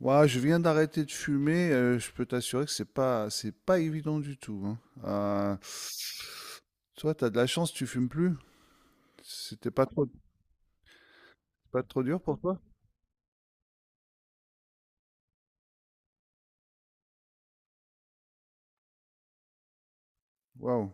Ouais, je viens d'arrêter de fumer, je peux t'assurer que c'est pas évident du tout, hein. Euh, Toi, t'as de la chance, tu fumes plus. C'était pas trop Pas trop dur pour toi? Waouh.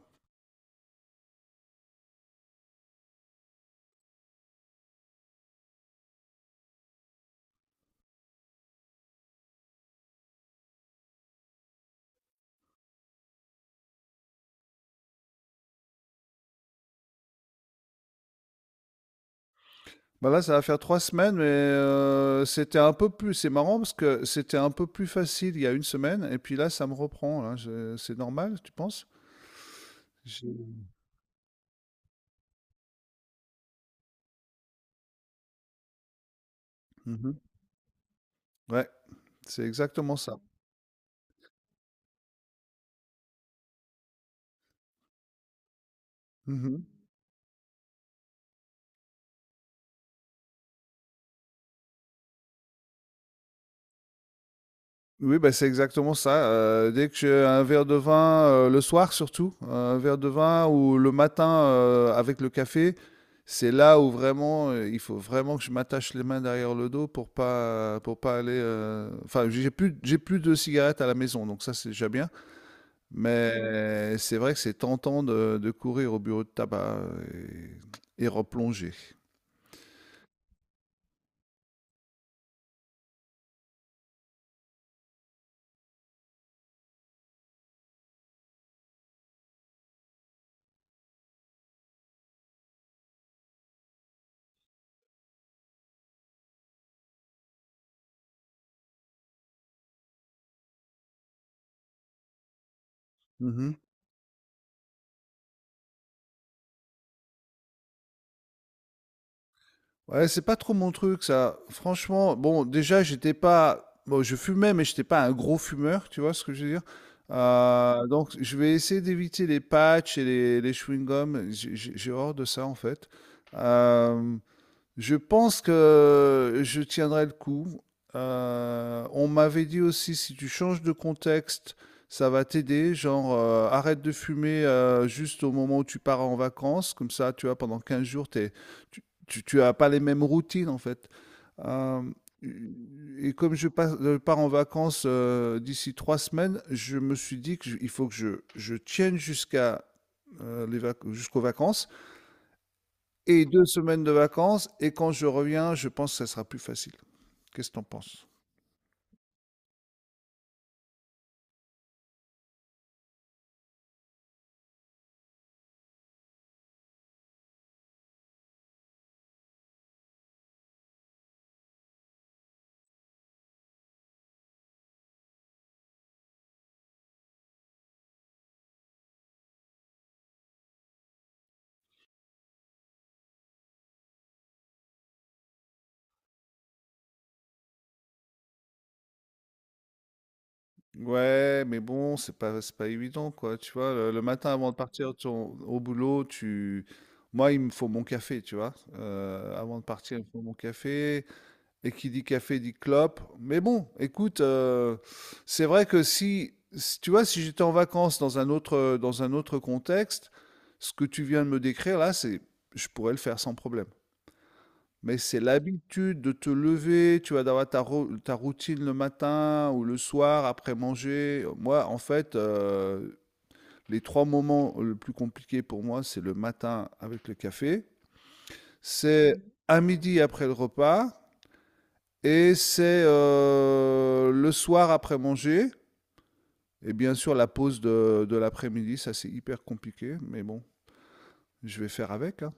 Bah là, ça va faire 3 semaines, mais c'était un peu plus. C'est marrant parce que c'était un peu plus facile il y a une semaine, et puis là, ça me reprend. Là. C'est normal, tu penses? J'ai- Mhm. Ouais, c'est exactement ça. Oui, bah, c'est exactement ça, dès que j'ai un verre de vin, le soir surtout, un verre de vin ou le matin, avec le café, c'est là où vraiment, il faut vraiment que je m'attache les mains derrière le dos pour pas aller, enfin j'ai plus de cigarettes à la maison, donc ça c'est déjà bien, mais c'est vrai que c'est tentant de courir au bureau de tabac et replonger. Mmh. Ouais, c'est pas trop mon truc ça. Franchement, bon, déjà, j'étais pas. Bon, je fumais, mais j'étais pas un gros fumeur, tu vois ce que je veux dire? Donc, je vais essayer d'éviter les patchs et les chewing-gums. J'ai horreur de ça, en fait. Euh, je pense que je tiendrai le coup. On m'avait dit aussi, si tu changes de contexte, ça va t'aider. Genre, arrête de fumer juste au moment où tu pars en vacances. Comme ça, tu vois, pendant 15 jours, tu as pas les mêmes routines, en fait. Euh, et comme je pars en vacances d'ici 3 semaines, je me suis dit qu'il faut que je tienne jusqu'à jusqu'aux vacances et 2 semaines de vacances et quand je reviens, je pense que ça sera plus facile. Qu'est-ce que tu penses? Ouais, mais bon, c'est pas évident, quoi. Tu vois, le matin avant de au boulot, tu... Moi, il me faut mon café, tu vois. Avant de partir, il me faut mon café. Et qui dit café dit clope. Mais bon, écoute, c'est vrai que tu vois, si j'étais en vacances dans un dans un autre contexte, ce que tu viens de me décrire je pourrais le faire sans problème. Mais c'est l'habitude de te lever, tu vas d'avoir ta routine le matin ou le soir après manger. Moi, en fait, les trois moments le plus compliqués pour moi, c'est le matin avec le café, c'est Mhm. À midi après le repas et c'est le soir après manger. Et bien sûr, la pause de l'après-midi, ça c'est hyper compliqué, mais bon, je vais faire avec, hein.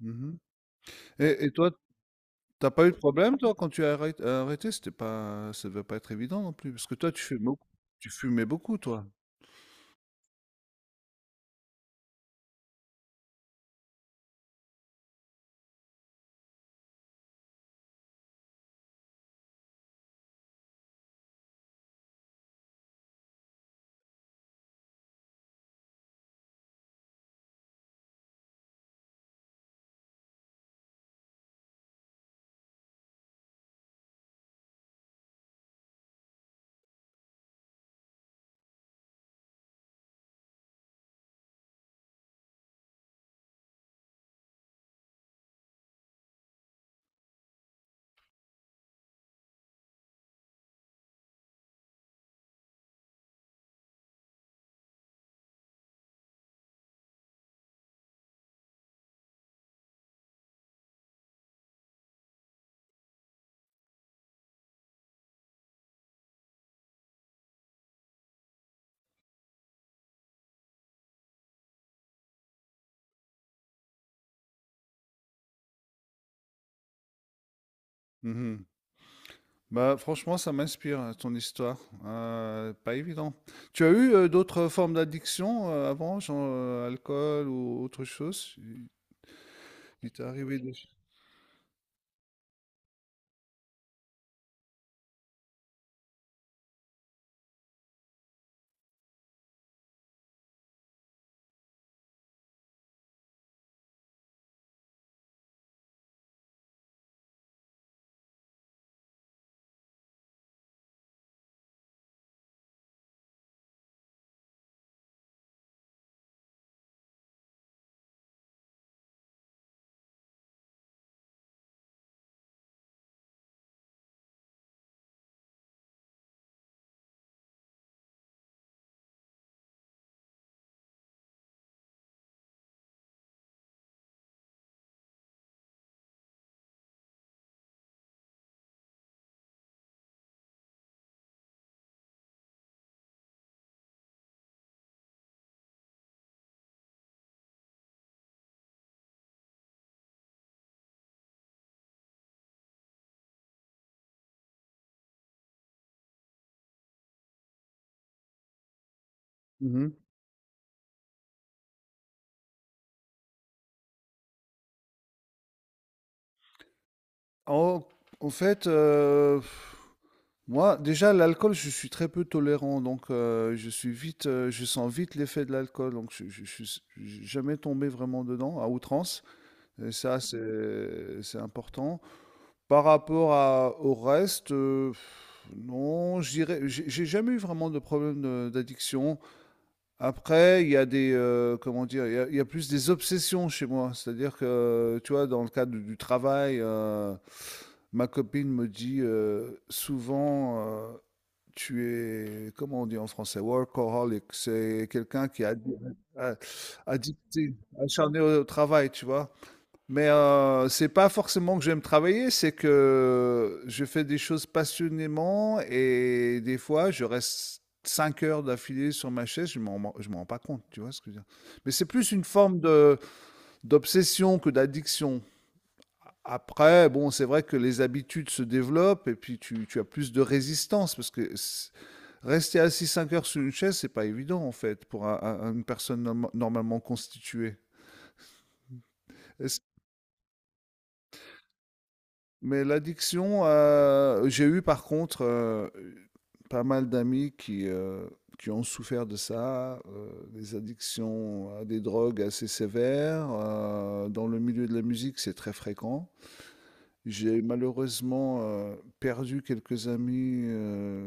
Mhm. Et toi, t'as pas eu de problème, toi, quand tu as arrêté, c'était pas, ça devait pas être évident non plus, parce que toi, tu fumais beaucoup, toi. Mhm. Bah, franchement, ça m'inspire, hein, ton histoire. Pas évident. Tu as eu d'autres formes d'addiction avant, genre alcool ou autre chose? Il t'est arrivé des... En, En fait, moi, déjà, l'alcool, je suis très peu tolérant, donc je suis vite, je sens vite l'effet de l'alcool, donc je suis jamais tombé vraiment dedans à outrance. Et ça, c'est important. Par rapport à, au reste, non, je dirais, j'ai jamais eu vraiment de problème d'addiction. Après, il y a des, comment dire? Il y a plus des obsessions chez moi. C'est-à-dire que, tu vois, dans le cadre du travail, ma copine me dit, souvent, heu: «Tu es» comment on dit en français? Workaholic. C'est quelqu'un qui est a addicté, acharné au travail, tu vois? Mais c'est pas forcément que j'aime travailler, c'est que je fais des choses passionnément et des fois je reste 5 heures d'affilée sur ma chaise, je m'en rends pas compte, tu vois ce que je veux dire? Mais c'est plus une forme de d'obsession que d'addiction. Après, bon, c'est vrai que les habitudes se développent et puis tu as plus de résistance parce que rester assis 5 heures sur une chaise, c'est pas évident en fait pour une personne normalement constituée. Mais l'addiction, j'ai eu par contre, pas mal d'amis qui ont souffert de ça, des addictions à des drogues assez sévères, dans le milieu de la musique, c'est très fréquent. J'ai malheureusement, perdu quelques amis,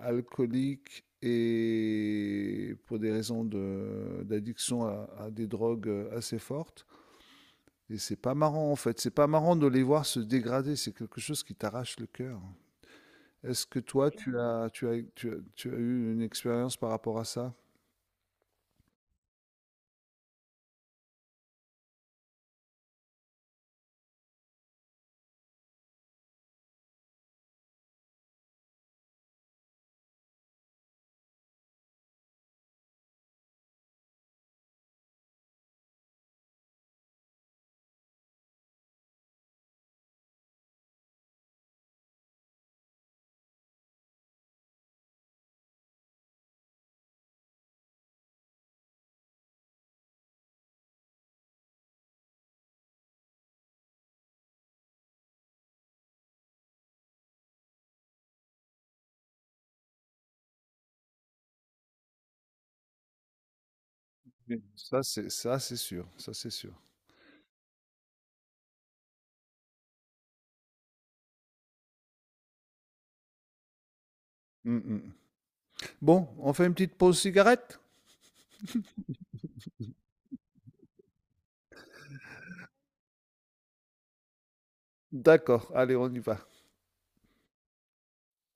alcooliques et pour des raisons de d'addiction à des drogues, assez fortes. Et c'est pas marrant en fait, c'est pas marrant de les voir se dégrader, c'est quelque chose qui t'arrache le cœur. Est-ce que toi, tu as eu une expérience par rapport à ça? Oui. Ça, c'est sûr, ça, c'est sûr. Mm, mm. Bon, on fait une petite pause cigarette? D'accord, allez, on y va.